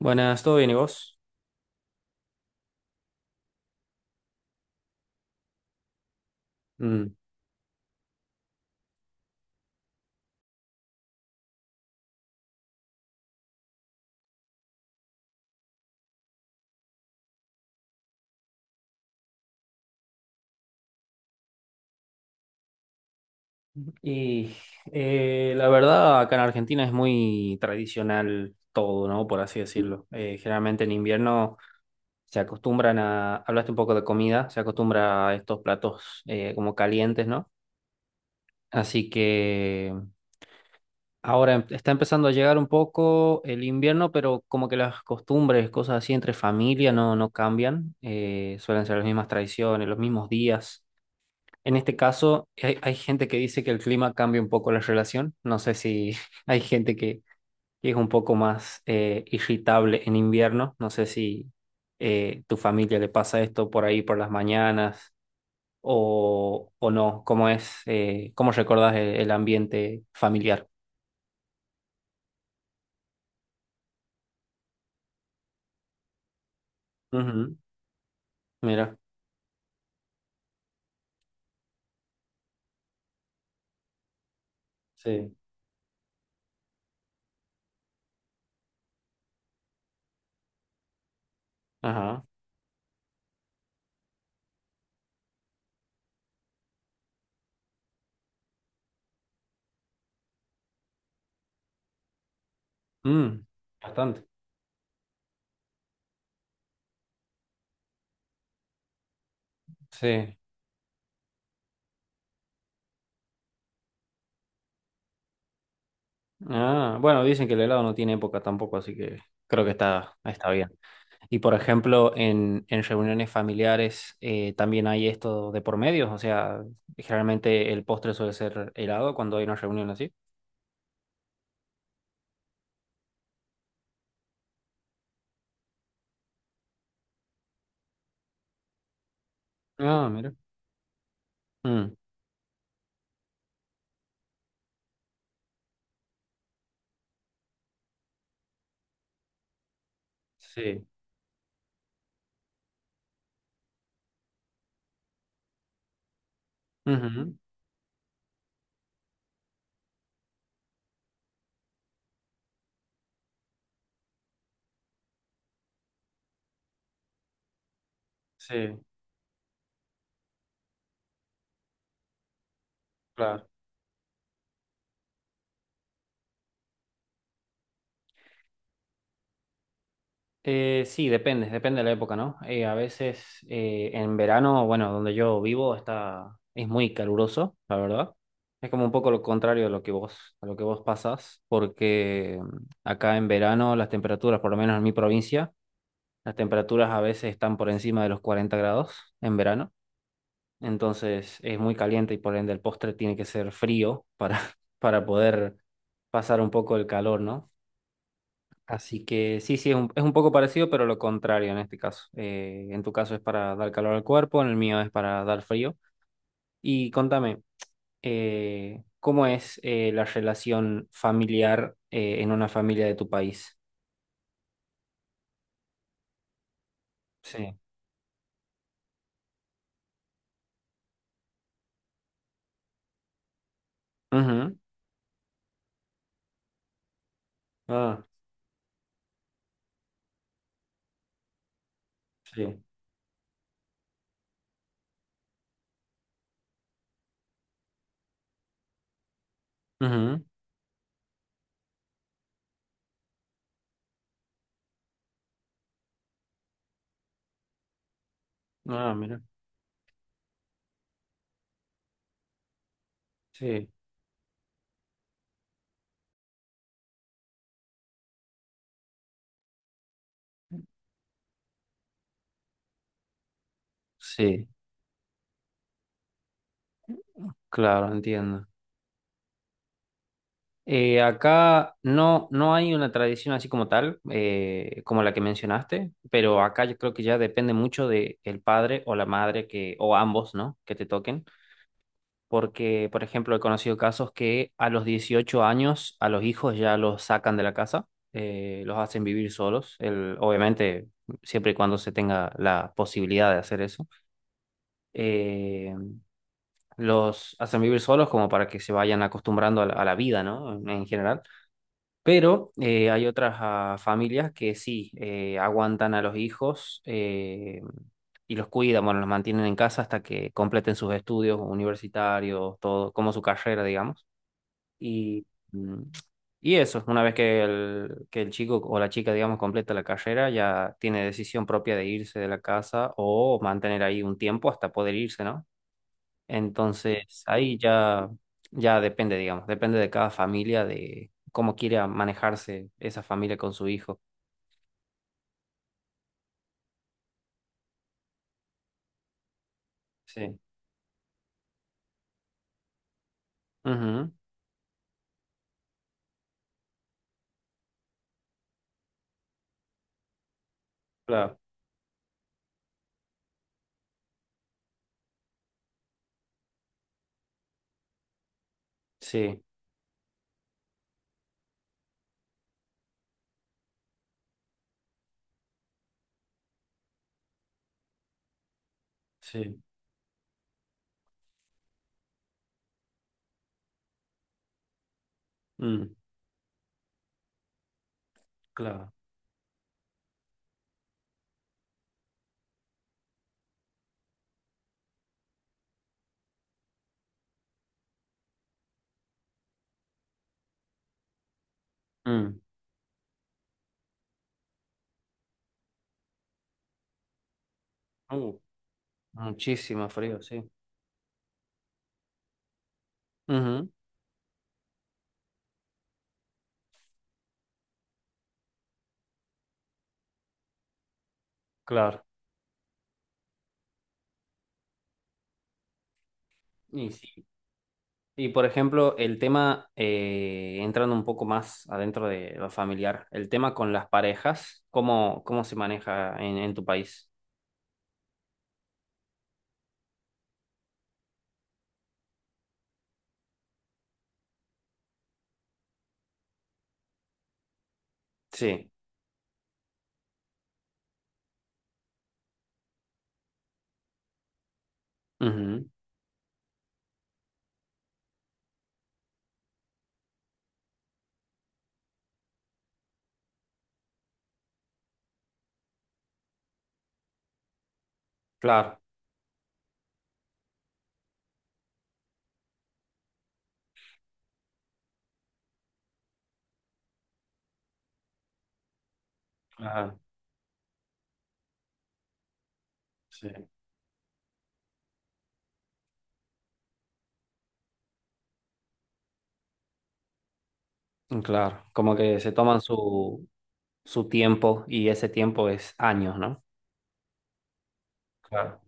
Buenas, ¿todo bien y vos? Mm. Y la verdad, acá en Argentina es muy tradicional todo, ¿no? Por así decirlo. Generalmente en invierno se acostumbran a, hablaste un poco de comida, se acostumbra a estos platos como calientes, ¿no? Así que ahora está empezando a llegar un poco el invierno, pero como que las costumbres, cosas así entre familia no cambian. Suelen ser las mismas tradiciones, los mismos días. En este caso, hay gente que dice que el clima cambia un poco la relación. No sé si hay gente que es un poco más irritable en invierno. No sé si tu familia le pasa esto por ahí por las mañanas o no. ¿Cómo es, cómo recordás el ambiente familiar? Ujú. Mira. Sí. Ajá. Mm, bastante. Sí. Ah, bueno, dicen que el helado no tiene época tampoco, así que creo que está, está bien. Y por ejemplo, en reuniones familiares también hay esto de por medio, o sea, generalmente el postre suele ser helado cuando hay una reunión así. Ah, mira. Mm, sí. Ujú. Sí, claro. Sí, depende, depende de la época, ¿no? A veces en verano, bueno, donde yo vivo está, es muy caluroso, la verdad. Es como un poco lo contrario de lo que vos, a lo que vos pasás, porque acá en verano las temperaturas, por lo menos en mi provincia, las temperaturas a veces están por encima de los 40 grados en verano, entonces es muy caliente y por ende el postre tiene que ser frío para, para poder pasar un poco el calor, ¿no? Así que sí, sí, es es un poco parecido, pero lo contrario en este caso. En tu caso es para dar calor al cuerpo, en el mío es para dar frío. Y contame, ¿cómo es la relación familiar en una familia de tu país? Sí. Ujú. Ah, sí. Ujú. Ah, mira. Sí. Sí, claro, entiendo. Acá no hay una tradición así como tal, como la que mencionaste, pero acá yo creo que ya depende mucho de el padre o la madre o ambos, ¿no? Que te toquen. Porque, por ejemplo, he conocido casos que a los 18 años a los hijos ya los sacan de la casa, los hacen vivir solos, el, obviamente siempre y cuando se tenga la posibilidad de hacer eso. Eh, los hacen vivir solos como para que se vayan acostumbrando a a la vida, ¿no? En general. Pero hay otras familias que sí aguantan a los hijos y los cuidan, bueno, los mantienen en casa hasta que completen sus estudios universitarios, todo, como su carrera, digamos. Y, mm, y eso, una vez que que el chico o la chica, digamos, completa la carrera, ya tiene decisión propia de irse de la casa o mantener ahí un tiempo hasta poder irse, ¿no? Entonces, ahí ya, ya depende, digamos, depende de cada familia, de cómo quiera manejarse esa familia con su hijo. Sí. Ujú. Claro. Sí, sí. Mm, claro. Mm. Uh, muchísimo frío, sí. Ujú. Claro. Y sí. Y por ejemplo, el tema, entrando un poco más adentro de lo familiar, el tema con las parejas, ¿cómo, cómo se maneja en tu país? Sí. Ujú. Claro. Claro. Sí. Claro, como que se toman su tiempo y ese tiempo es años, ¿no? Claro.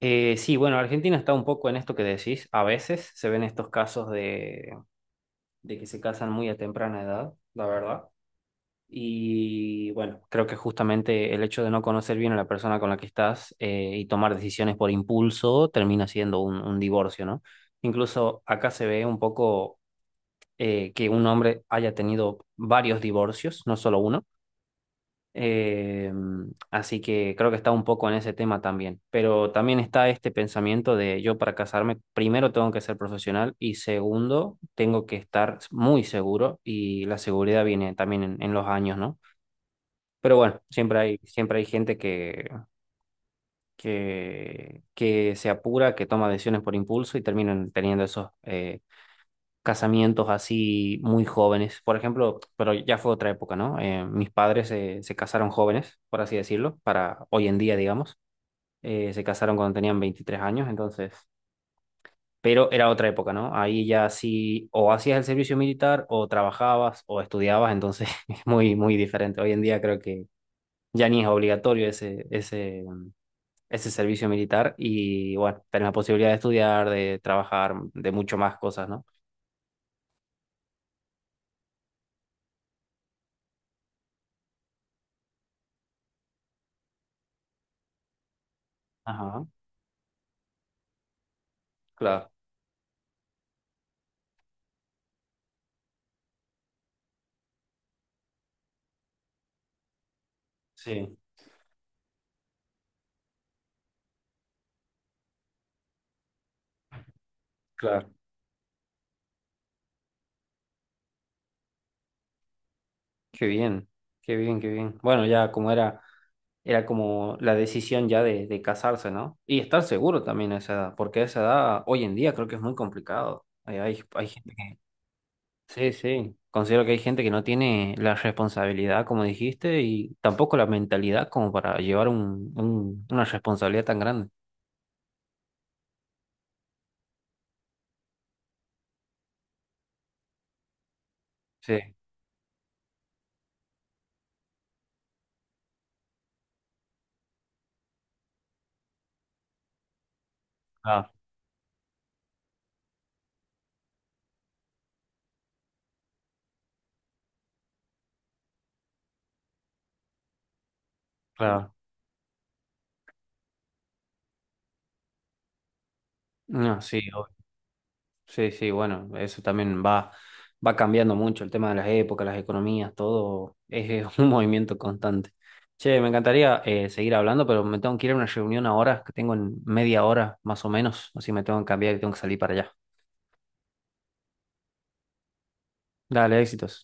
Sí, bueno, Argentina está un poco en esto que decís. A veces se ven estos casos de que se casan muy a temprana edad, la verdad. Y bueno, creo que justamente el hecho de no conocer bien a la persona con la que estás y tomar decisiones por impulso termina siendo un divorcio, ¿no? Incluso acá se ve un poco que un hombre haya tenido varios divorcios, no solo uno. Eh, así que creo que está un poco en ese tema también. Pero también está este pensamiento de yo para casarme, primero tengo que ser profesional y segundo, tengo que estar muy seguro y la seguridad viene también en los años, ¿no? Pero bueno, siempre hay gente que se apura, que toma decisiones por impulso y terminan teniendo esos casamientos así muy jóvenes. Por ejemplo, pero ya fue otra época, ¿no? Mis padres se casaron jóvenes, por así decirlo, para hoy en día, digamos. Se casaron cuando tenían 23 años, entonces, pero era otra época, ¿no? Ahí ya sí, o hacías el servicio militar, o trabajabas, o estudiabas, entonces es muy, muy diferente. Hoy en día creo que ya ni es obligatorio ese servicio militar y bueno, tenés la posibilidad de estudiar, de trabajar, de mucho más cosas, ¿no? Ajá, claro, sí. Claro. Qué bien, qué bien, qué bien. Bueno, ya como era, era como la decisión ya de casarse, ¿no? Y estar seguro también a esa edad, porque a esa edad hoy en día creo que es muy complicado. Hay gente. Sí, sí. Considero que hay gente que no tiene la responsabilidad, como dijiste, y tampoco la mentalidad como para llevar una responsabilidad tan grande. Sí, claro, claro. No, sí, obvio. Sí, sí, bueno, eso también va cambiando mucho el tema de las épocas, las economías, todo es un movimiento constante. Che, me encantaría seguir hablando, pero me tengo que ir a una reunión ahora, que tengo en media hora más o menos, así me tengo que cambiar y tengo que salir para allá. Dale, éxitos.